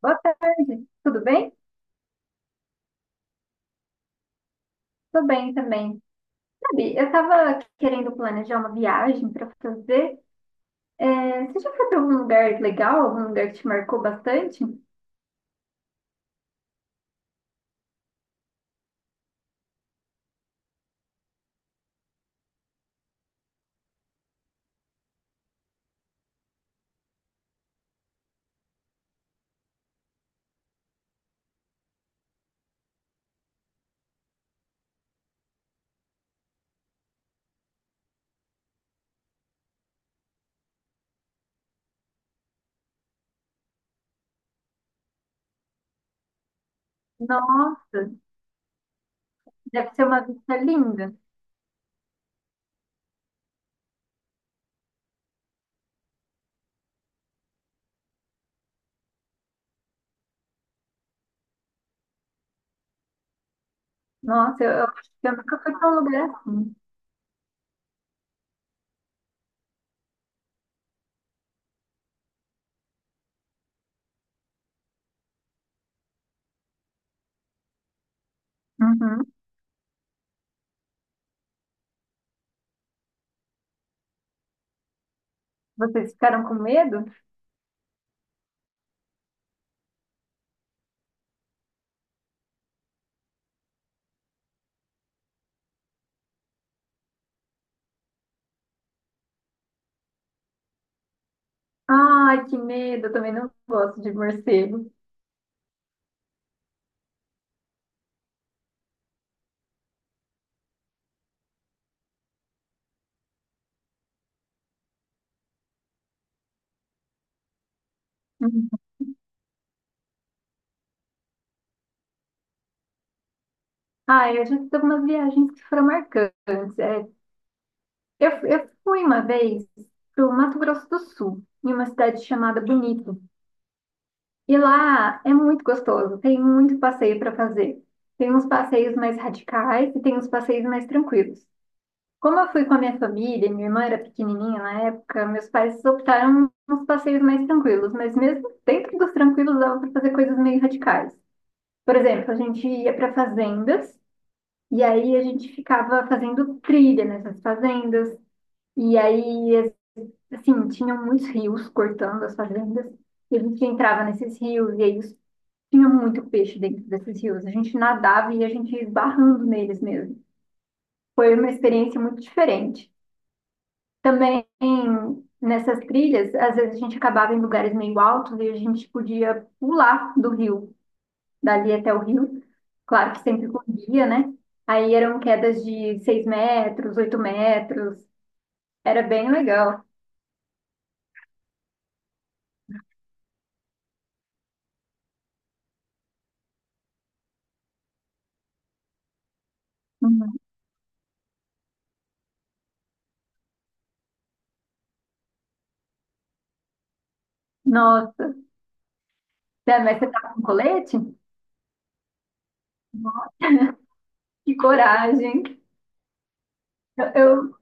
Boa tarde, tudo bem? Tô bem também. Sabe, eu tava querendo planejar uma viagem pra fazer. É, você já foi pra algum lugar legal? Algum lugar que te marcou bastante? Nossa, deve ser uma vista linda. Nossa, eu acho que eu nunca fui pra um lugar assim. Uhum. Vocês ficaram com medo? Ai, que medo, eu também não gosto de morcego. Uhum. Ah, eu já fiz algumas viagens que foram marcantes. É, Eu fui uma vez para o Mato Grosso do Sul, em uma cidade chamada Bonito. E lá é muito gostoso, tem muito passeio para fazer. Tem uns passeios mais radicais e tem uns passeios mais tranquilos. Como eu fui com a minha família, minha irmã era pequenininha na época, meus pais optaram uns passeios mais tranquilos, mas mesmo dentro dos tranquilos dava para fazer coisas meio radicais. Por exemplo, a gente ia para fazendas e aí a gente ficava fazendo trilha nessas fazendas. E aí assim, tinham muitos rios cortando as fazendas, e a gente entrava nesses rios, e tinha muito peixe dentro desses rios. A gente nadava e a gente ia esbarrando neles mesmo. Foi uma experiência muito diferente. Também nessas trilhas, às vezes a gente acabava em lugares meio altos e a gente podia pular do rio, dali até o rio, claro que sempre com guia, né? Aí eram quedas de 6 metros, 8 metros, era bem legal. Uhum. Nossa, Dé, mas você tá com colete? Que coragem. Eu, eu-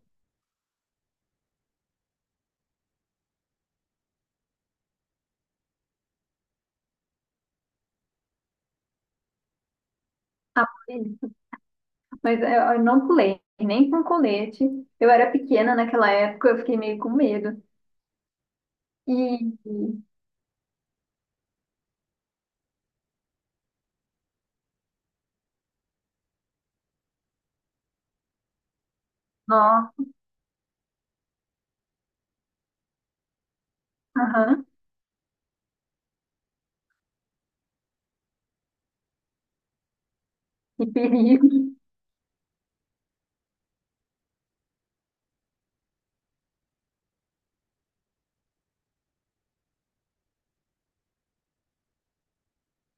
mas eu não pulei, nem com colete. Eu era pequena naquela época, eu fiquei meio com medo. E, e- nossa, aham, e perigo.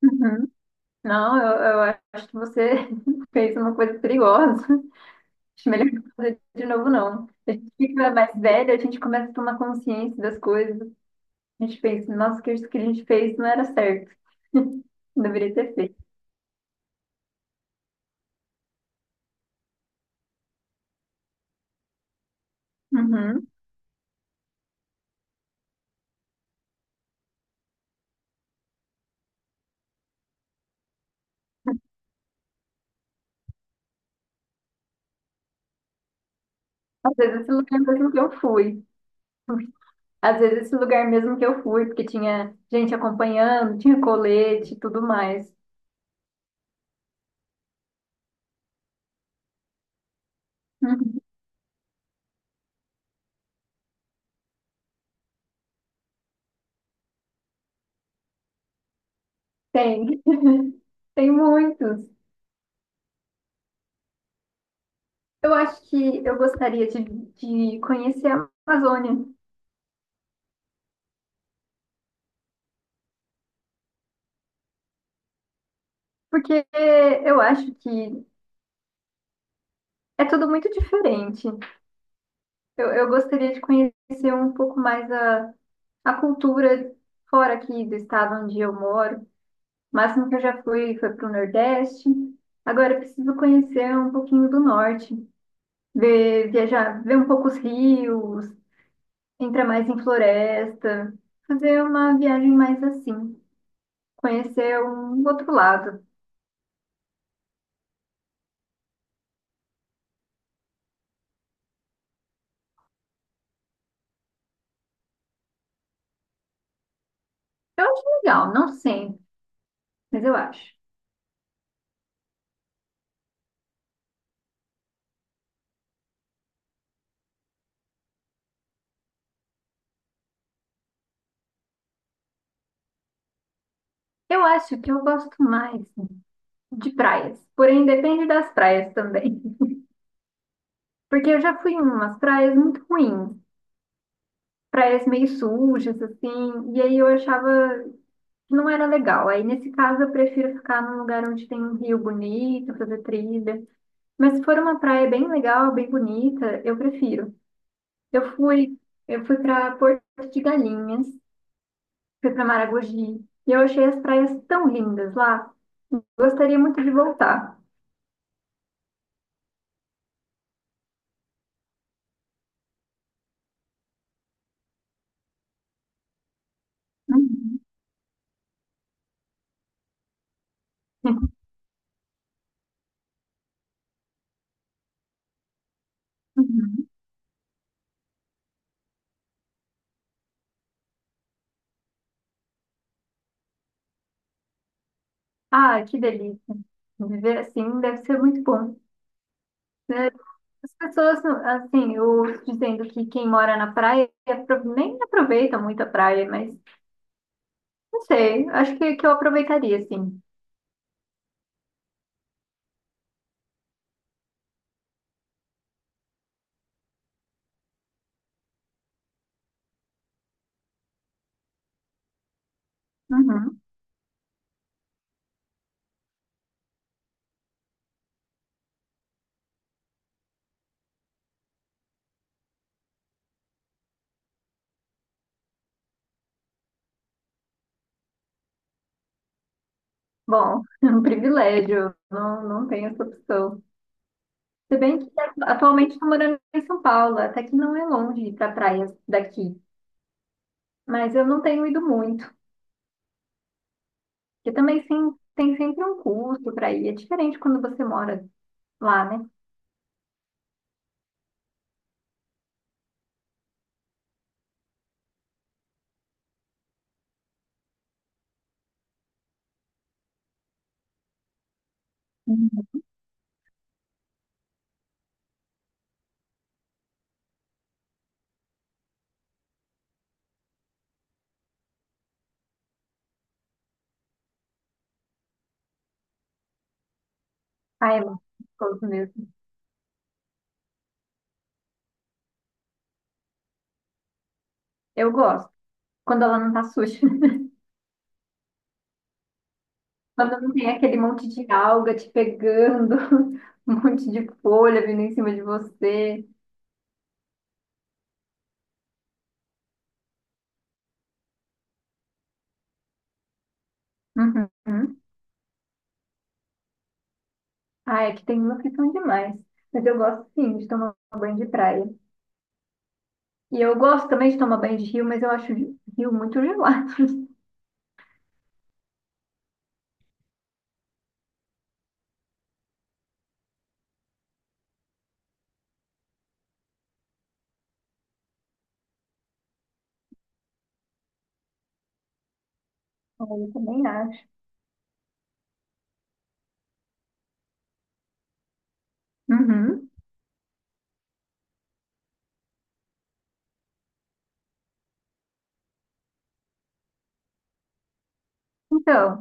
Uhum. Não, eu acho que você fez uma coisa perigosa. Acho melhor não fazer de novo, não. A gente fica mais velho, a gente começa a tomar consciência das coisas. A gente pensa, nossa, que isso que a gente fez não era certo. Não deveria ter feito. Uhum. Às vezes, esse lugar mesmo que eu fui. Às vezes esse lugar mesmo que eu fui, porque tinha gente acompanhando, tinha colete e tudo mais. Uhum. Tem, tem muitos. Eu acho que eu gostaria de conhecer a Amazônia, porque eu acho que é tudo muito diferente. Eu gostaria de conhecer um pouco mais a cultura fora aqui do estado onde eu moro. O máximo que eu já fui foi para o Nordeste. Agora eu preciso conhecer um pouquinho do Norte. Ver, viajar, ver um pouco os rios, entrar mais em floresta, fazer uma viagem mais assim, conhecer um outro lado. Eu acho legal, não sempre, mas eu acho. Eu acho que eu gosto mais de praias, porém depende das praias também, porque eu já fui em umas praias muito ruins, praias meio sujas assim, e aí eu achava que não era legal. Aí nesse caso eu prefiro ficar num lugar onde tem um rio bonito, fazer trilha. Mas se for uma praia bem legal, bem bonita, eu prefiro. Eu fui, eu fui para Porto de Galinhas, fui para Maragogi, e eu achei as praias tão lindas lá. Gostaria muito de voltar. Uhum. Uhum. Ah, que delícia. Viver assim deve ser muito bom. Né? As pessoas, assim, eu dizendo que quem mora na praia nem aproveita muito a praia, mas não sei, acho que eu aproveitaria, sim. Uhum. Bom, é um privilégio, não tenho essa opção. Se bem que atualmente estou morando em São Paulo, até que não é longe ir para praias daqui, mas eu não tenho ido muito, porque também sim, tem sempre um custo para ir, é diferente quando você mora lá, né? Uhum. Ah, é gostoso mesmo. Eu gosto, quando ela não tá suja, quando não tem aquele monte de alga te pegando, um monte de folha vindo em cima de você. Uhum. Ah, é que tem umas que são demais. Mas eu gosto sim de tomar banho de praia. E eu gosto também de tomar banho de rio, mas eu acho rio muito gelado. Ah, eu também acho. Uhum. Então.